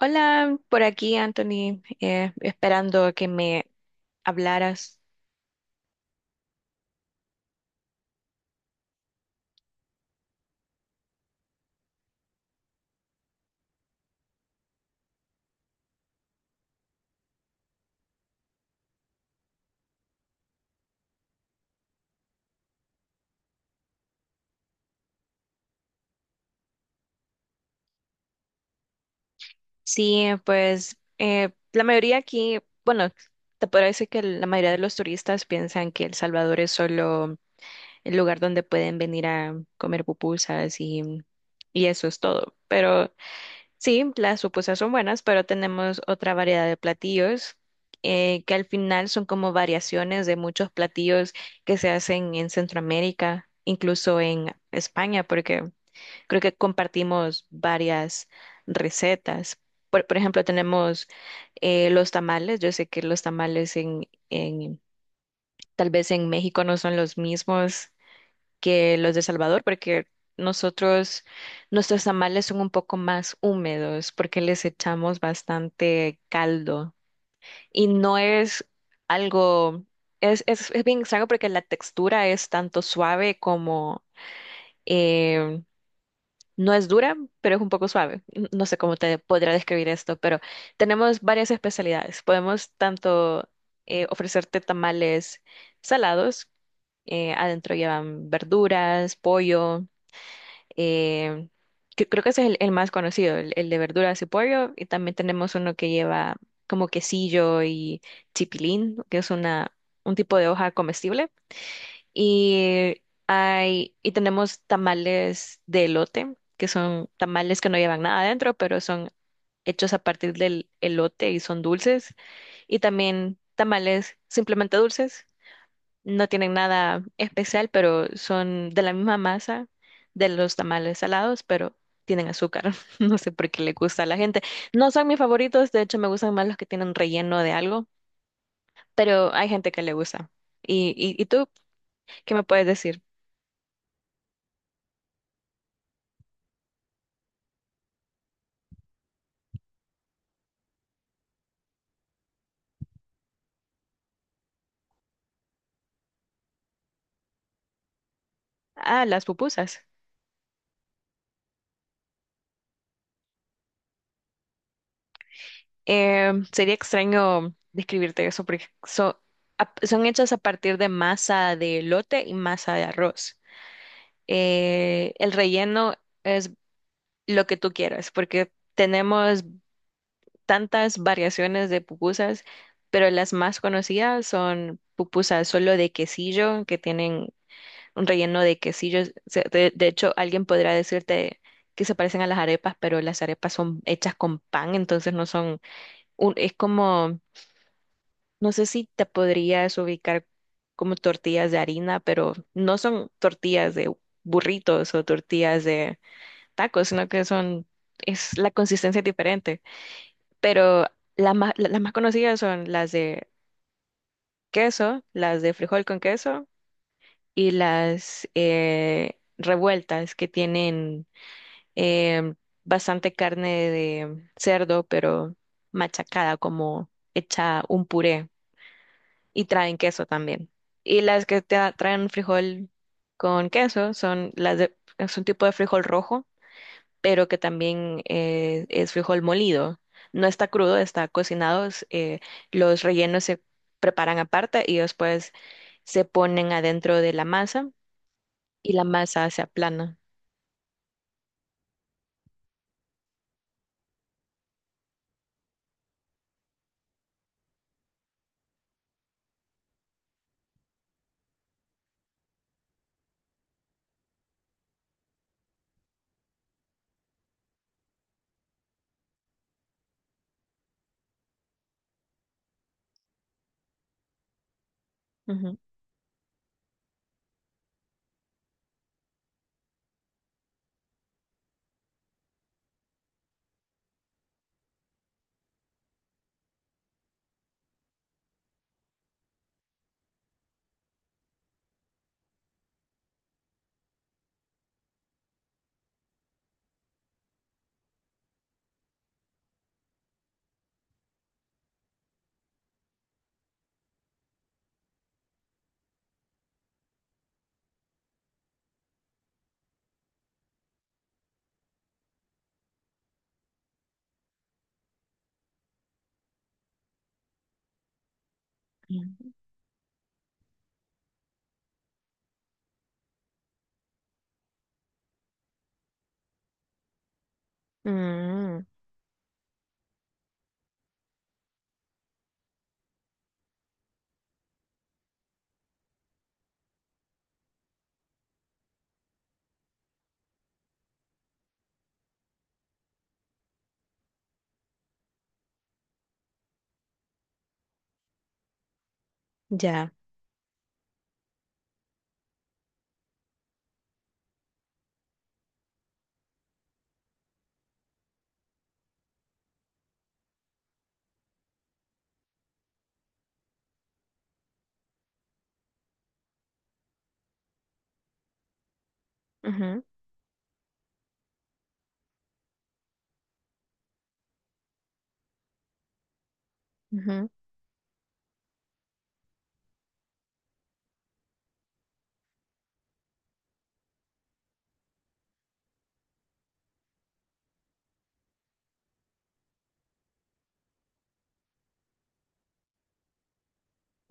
Hola, por aquí Anthony, esperando que me hablaras. Sí, pues, la mayoría aquí, bueno, te podría decir que la mayoría de los turistas piensan que El Salvador es solo el lugar donde pueden venir a comer pupusas y eso es todo. Pero sí, las supusas son buenas, pero tenemos otra variedad de platillos, que al final son como variaciones de muchos platillos que se hacen en Centroamérica, incluso en España, porque creo que compartimos varias recetas. Por ejemplo, tenemos los tamales. Yo sé que los tamales tal vez en México no son los mismos que los de Salvador, porque nosotros, nuestros tamales son un poco más húmedos porque les echamos bastante caldo y no es algo, es bien extraño porque la textura es tanto suave como, eh, no es dura, pero es un poco suave. No sé cómo te podría describir esto, pero tenemos varias especialidades. Podemos tanto ofrecerte tamales salados, adentro llevan verduras, pollo. Eh, Creo que ese es el más conocido, el de verduras y pollo. Y también tenemos uno que lleva como quesillo y chipilín, que es una, un tipo de hoja comestible. Y tenemos tamales de elote, que son tamales que no llevan nada adentro, pero son hechos a partir del elote y son dulces. Y también tamales simplemente dulces no tienen nada especial, pero son de la misma masa de los tamales salados, pero tienen azúcar. No sé por qué le gusta a la gente. No son mis favoritos, de hecho me gustan más los que tienen relleno de algo, pero hay gente que le gusta. ¿Y tú qué me puedes decir? Ah, las pupusas. Sería extraño describirte eso porque son hechas a partir de masa de elote y masa de arroz. El relleno es lo que tú quieras, porque tenemos tantas variaciones de pupusas, pero las más conocidas son pupusas solo de quesillo, que tienen un relleno de quesillo. De hecho, alguien podrá decirte que se parecen a las arepas, pero las arepas son hechas con pan, entonces no son un, es como, no sé si te podrías ubicar como tortillas de harina, pero no son tortillas de burritos o tortillas de tacos, sino que son, es la consistencia es diferente pero las más conocidas son las de queso, las de frijol con queso y las revueltas que tienen em, bastante carne de cerdo, pero machacada, como hecha un puré y traen queso también. Y las que traen frijol con queso son las de, es un tipo de frijol rojo pero que también es frijol molido. No está crudo, está cocinado. Es, los rellenos se preparan aparte y después se ponen adentro de la masa y la masa se aplana. Ujú, mm, ya. Ujú, ujú,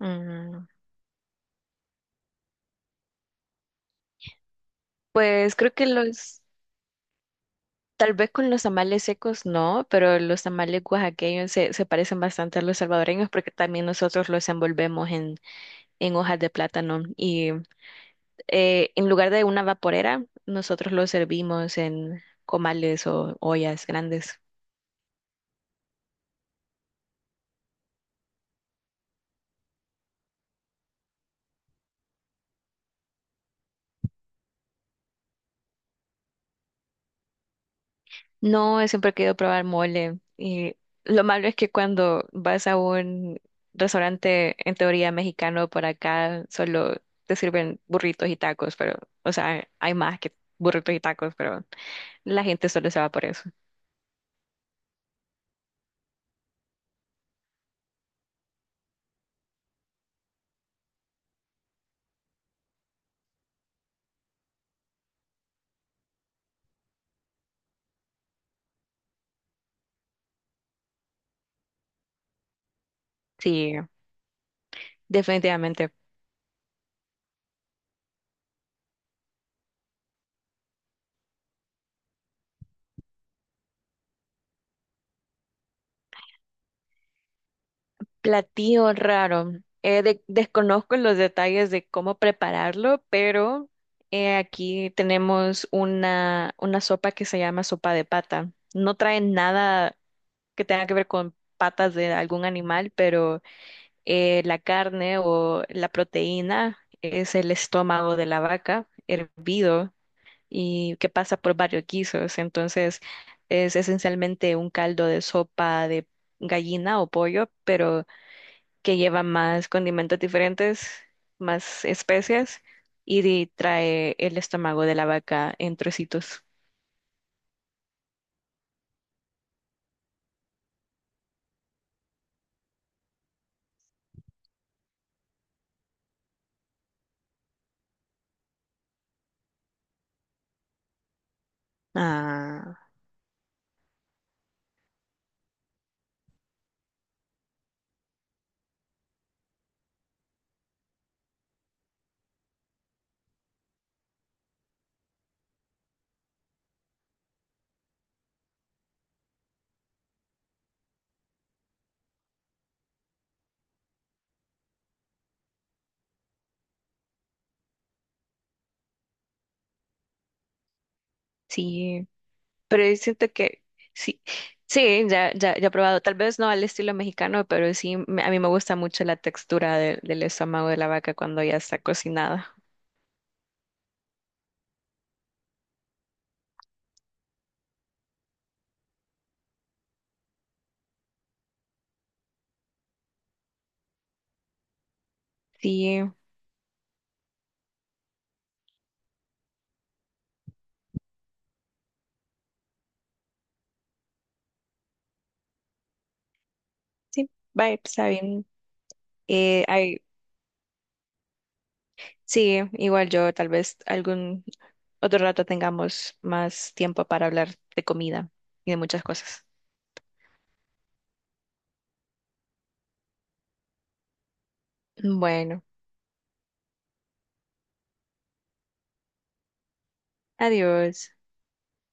mm. Pues creo que los, tal vez con los tamales secos no, pero los tamales oaxaqueños se parecen bastante a los salvadoreños porque también nosotros los envolvemos en hojas de plátano y en lugar de una vaporera, nosotros lo servimos en comales o ollas grandes. No, siempre he querido probar mole. Y lo malo es que cuando vas a un restaurante, en teoría mexicano, por acá solo te sirven burritos y tacos, pero, o sea, hay más que burritos y tacos, pero la gente solo se va por eso. Sí, definitivamente. Platillo raro. Desconozco los detalles de cómo prepararlo, pero aquí tenemos una sopa que se llama sopa de pata. No trae nada que tenga que ver con patas de algún animal, pero la carne o la proteína es el estómago de la vaca hervido y que pasa por varios guisos. Entonces es esencialmente un caldo de sopa de gallina o pollo, pero que lleva más condimentos diferentes, más especias y trae el estómago de la vaca en trocitos. Ah, sí, pero yo siento que sí, sí, ya, ya, ya he probado, tal vez no al estilo mexicano, pero sí, a mí me gusta mucho la textura del estómago de la vaca cuando ya está cocinada. Sí, sí, vaya, está bien. Ay, sí, igual yo tal vez algún otro rato tengamos más tiempo para hablar de comida y de muchas cosas. Bueno, adiós.